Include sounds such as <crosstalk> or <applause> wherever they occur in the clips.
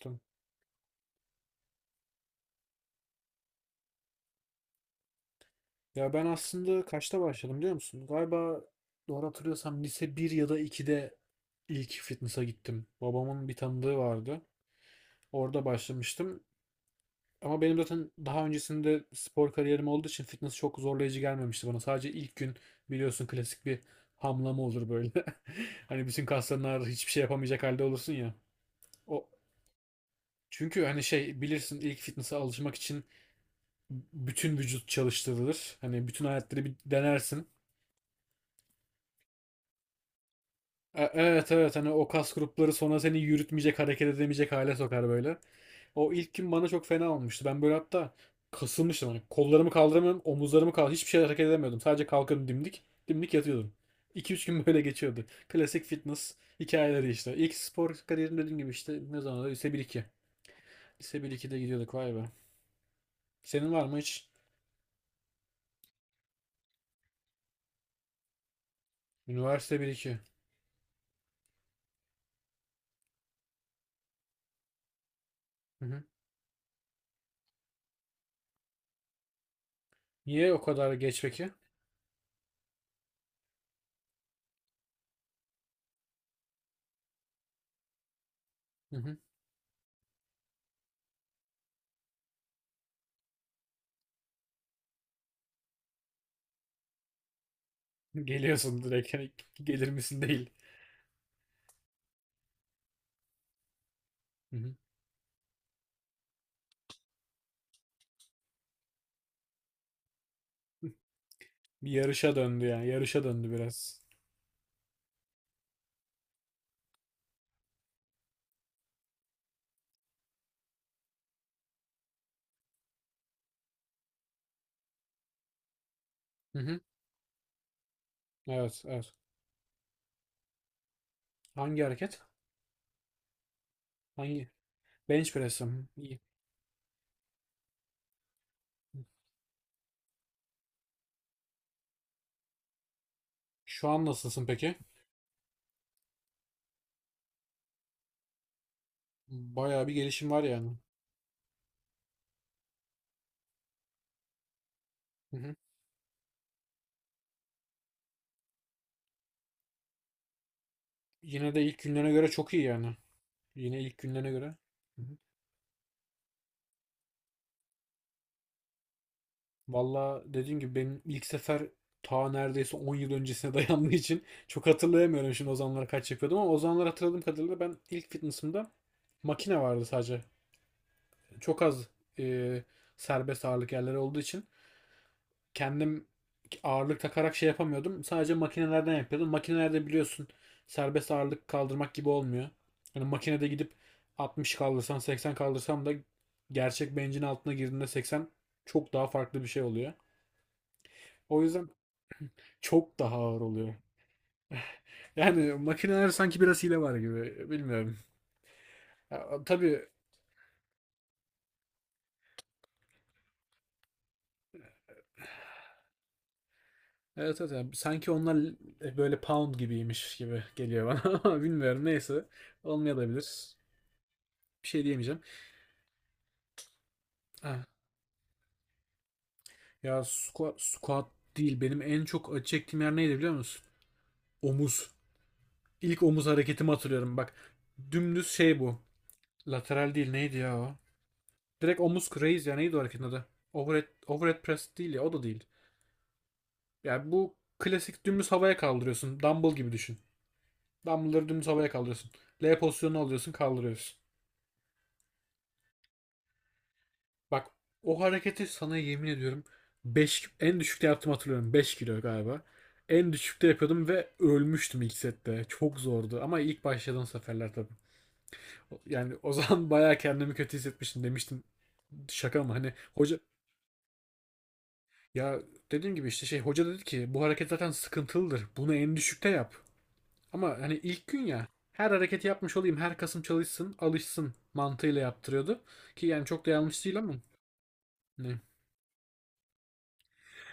Tamam. Ya ben aslında kaçta başladım biliyor musun? Galiba doğru hatırlıyorsam lise bir ya da 2'de ilk fitness'a gittim. Babamın bir tanıdığı vardı. Orada başlamıştım. Ama benim zaten daha öncesinde spor kariyerim olduğu için fitness çok zorlayıcı gelmemişti bana. Sadece ilk gün biliyorsun klasik bir hamlama olur böyle. <laughs> Hani bütün kasların ağrır, hiçbir şey yapamayacak halde olursun ya. O çünkü hani şey bilirsin ilk fitness'a alışmak için bütün vücut çalıştırılır. Hani bütün aletleri bir denersin. Evet, evet, hani o kas grupları sonra seni yürütmeyecek, hareket edemeyecek hale sokar böyle. O ilk gün bana çok fena olmuştu. Ben böyle hatta kasılmıştım, hani kollarımı kaldıramıyorum, omuzlarımı kaldı, hiçbir şey hareket edemiyordum. Sadece kalkıyordum, dimdik dimdik yatıyordum. <laughs> 2 üç gün böyle geçiyordu. Klasik fitness hikayeleri işte. İlk spor kariyerim dediğim gibi işte ne zaman da lise 1-2. Lise 1-2'de gidiyorduk, vay be. Senin var mı hiç? Üniversite bir iki? Hı hı. Niye o kadar geç peki? Hı hı. <laughs> Geliyorsun direkt, hani gelir misin değil. Hı hı. Bir yarışa döndü yani. Yarışa döndü biraz. Hı hı. Evet, evet. Hangi hareket? Hangi? Bench press'im. İyi. Şu an nasılsın peki? Bayağı bir gelişim var yani. Hı hı. Yine de ilk günlerine göre çok iyi yani. Yine ilk günlerine göre. Hı hı. Valla dediğim gibi benim ilk sefer ta neredeyse 10 yıl öncesine <laughs> dayandığı için çok hatırlayamıyorum şimdi o zamanlar kaç yapıyordum, ama o zamanlar hatırladığım kadarıyla ben ilk fitness'ımda makine vardı sadece. Çok az e, serbest ağırlık yerleri olduğu için kendim ağırlık takarak şey yapamıyordum. Sadece makinelerden yapıyordum. Makinelerde biliyorsun serbest ağırlık kaldırmak gibi olmuyor. Hani makinede gidip 60 kaldırsan, 80 kaldırsam da gerçek bencin altına girdiğinde 80 çok daha farklı bir şey oluyor. O yüzden çok daha ağır oluyor. <laughs> Yani makineler sanki biraz hile var gibi. Bilmiyorum. Ya, tabii, evet, evet. Yani sanki onlar böyle pound gibiymiş gibi geliyor bana, <laughs> ama bilmiyorum. Neyse. Olmayabilir. Bir şey diyemeyeceğim. Ha, ya squat değil. Benim en çok acı çektiğim yer neydi biliyor musun? Omuz. İlk omuz hareketimi hatırlıyorum. Bak, dümdüz şey bu. Lateral değil, neydi ya o? Direkt omuz raise ya, neydi o hareketin adı? Overhead press değil ya, o da değil. Yani bu klasik dümdüz havaya kaldırıyorsun. Dumbbell gibi düşün. Dumbbell'ları dümdüz havaya kaldırıyorsun. L pozisyonunu alıyorsun, kaldırıyorsun. Bak, o hareketi sana yemin ediyorum 5 en düşükte yaptım, hatırlıyorum 5 kilo galiba. En düşükte yapıyordum ve ölmüştüm ilk sette. Çok zordu ama ilk başladığım seferler tabii. Yani o zaman <laughs> bayağı kendimi kötü hissetmiştim, demiştim. Şaka mı hani hoca, ya dediğim gibi işte şey, hoca dedi ki bu hareket zaten sıkıntılıdır. Bunu en düşükte yap. Ama hani ilk gün ya, her hareketi yapmış olayım, her kasım çalışsın alışsın mantığıyla yaptırıyordu. Ki yani çok da yanlış değil ama. Ne?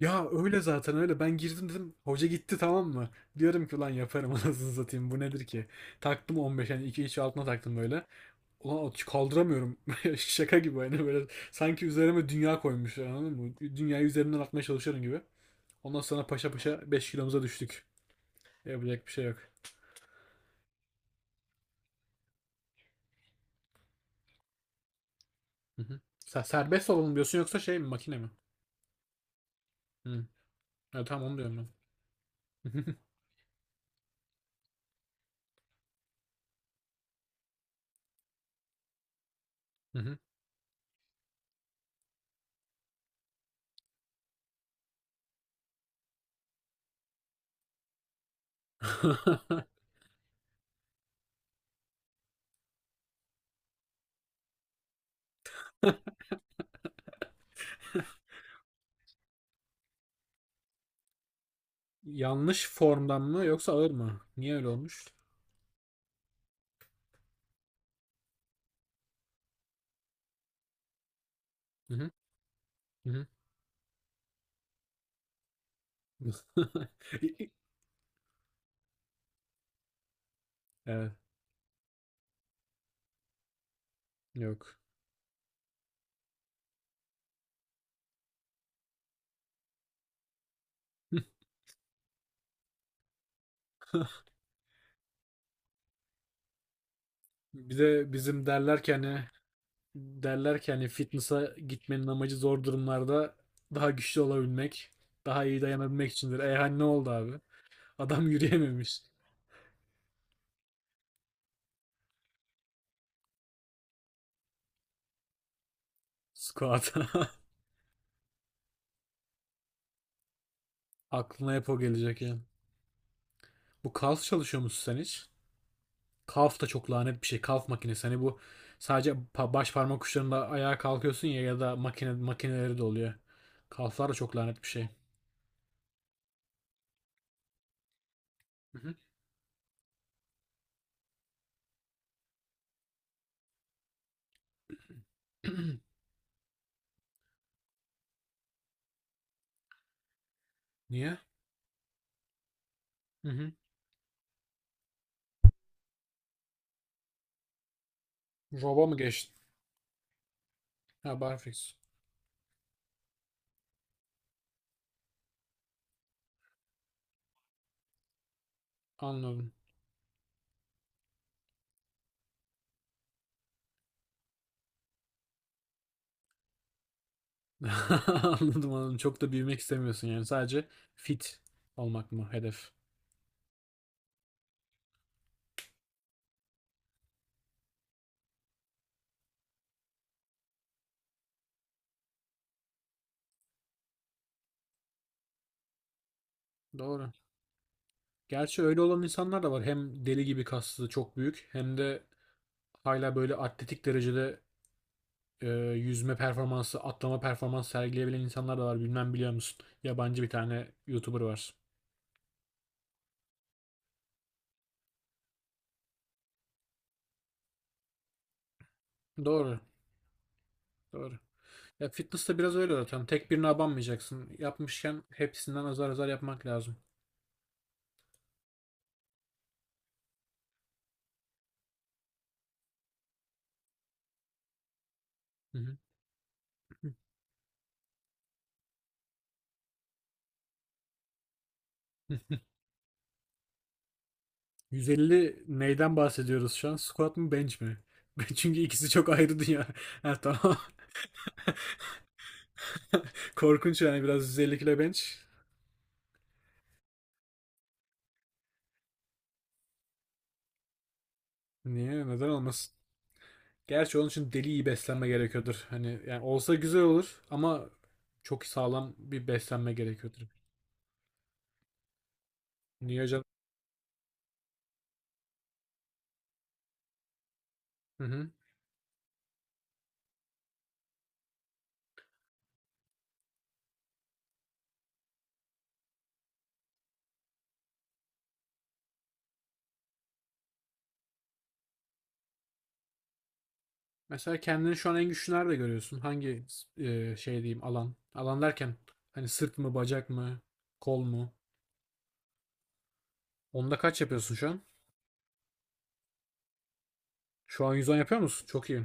Ya öyle zaten, öyle. Ben girdim, dedim. Hoca gitti, tamam mı? Diyorum ki ulan yaparım, <laughs> anasını satayım. Bu nedir ki? Taktım 15, yani 2 içi altına taktım böyle. Ulan kaldıramıyorum. <laughs> Şaka gibi, hani böyle. Sanki üzerime dünya koymuşlar, anladın mı? Dünyayı üzerimden atmaya çalışıyorum gibi. Ondan sonra paşa paşa 5 kilomuza düştük. Yapacak bir şey yok. Hı hı. Sen serbest olalım diyorsun yoksa şey mi, makine mi? Hı. Ya tamam, onu diyorum ben. <laughs> Hı hı. <laughs> Yanlış formdan mı yoksa ağır mı? Niye öyle olmuş? Hı hı. <laughs> Evet, yok. <laughs> Bir de bizim derler ki hani fitness'a gitmenin amacı zor durumlarda daha güçlü olabilmek, daha iyi dayanabilmek içindir. E hani ne oldu abi? Adam yürüyememiş squat'a. <laughs> Aklına hep o gelecek ya. Bu calf çalışıyor musun sen hiç? Calf da çok lanet bir şey. Calf makinesi. Hani bu sadece baş parmak uçlarında ayağa kalkıyorsun ya, ya da makineleri de oluyor. Calf'lar da çok lanet bir şey. Hı hı. <clears throat> Niye? Hı hı. Rob'a mı geçtin? Ha, barfix. Anladım. <laughs> Anladım, anladım. Çok da büyümek istemiyorsun yani. Sadece fit olmak mı hedef? Doğru. Gerçi öyle olan insanlar da var. Hem deli gibi kaslı, çok büyük, hem de hala böyle atletik derecede e, yüzme performansı, atlama performansı sergileyebilen insanlar da var. Bilmem, biliyor musun? Yabancı bir tane YouTuber var. Doğru. Doğru. Ya fitness de biraz öyle zaten. Tek birine abanmayacaksın. Yapmışken hepsinden azar azar yapmak lazım. Hı hı. 150 neyden bahsediyoruz şu an? Squat mı bench mi? <laughs> Çünkü ikisi çok ayrı dünya. <laughs> Ha, tamam. <laughs> Korkunç yani, biraz 150 kilo bench. Niye? Neden olmasın? Gerçi onun için deli iyi beslenme gerekiyordur. Hani yani olsa güzel olur ama çok sağlam bir beslenme gerekiyordur. Niye hocam? Hı hı. Mesela kendini şu an en güçlü nerede görüyorsun? Hangi şey diyeyim, alan? Alan derken hani sırt mı, bacak mı, kol mu? Onda kaç yapıyorsun şu an? Şu an 110 yapıyor musun? Çok iyi.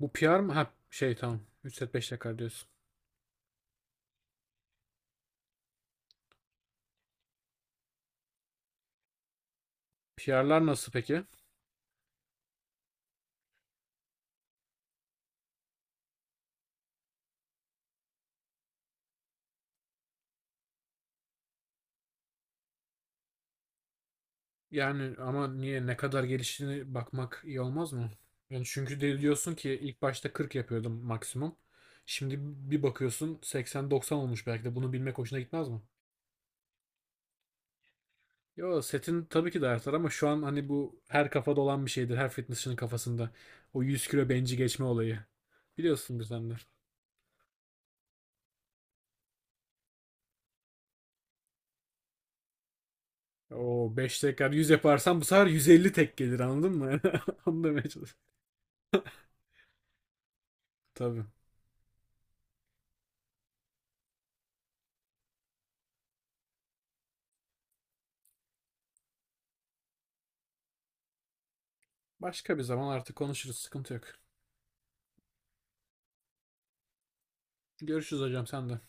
Bu PR mı? Ha şey, tamam. 3 set 5 dakika diyorsun. PR'lar nasıl peki? Yani ama niye ne kadar geliştiğini bakmak iyi olmaz mı? Yani çünkü de diyorsun ki ilk başta 40 yapıyordum maksimum. Şimdi bir bakıyorsun 80-90 olmuş, belki de bunu bilmek hoşuna gitmez mi? Yo, setin tabii ki de artar ama şu an hani bu her kafada olan bir şeydir. Her fitnessçinin kafasında. O 100 kilo benci geçme olayı. Biliyorsun sen de. O 5 tekrar 100 yaparsan bu sefer 150 tek gelir, anladın mı? <laughs> Onu demeye çalışıyorum. Tabii. Başka bir zaman artık konuşuruz. Sıkıntı yok. Görüşürüz hocam, sen de.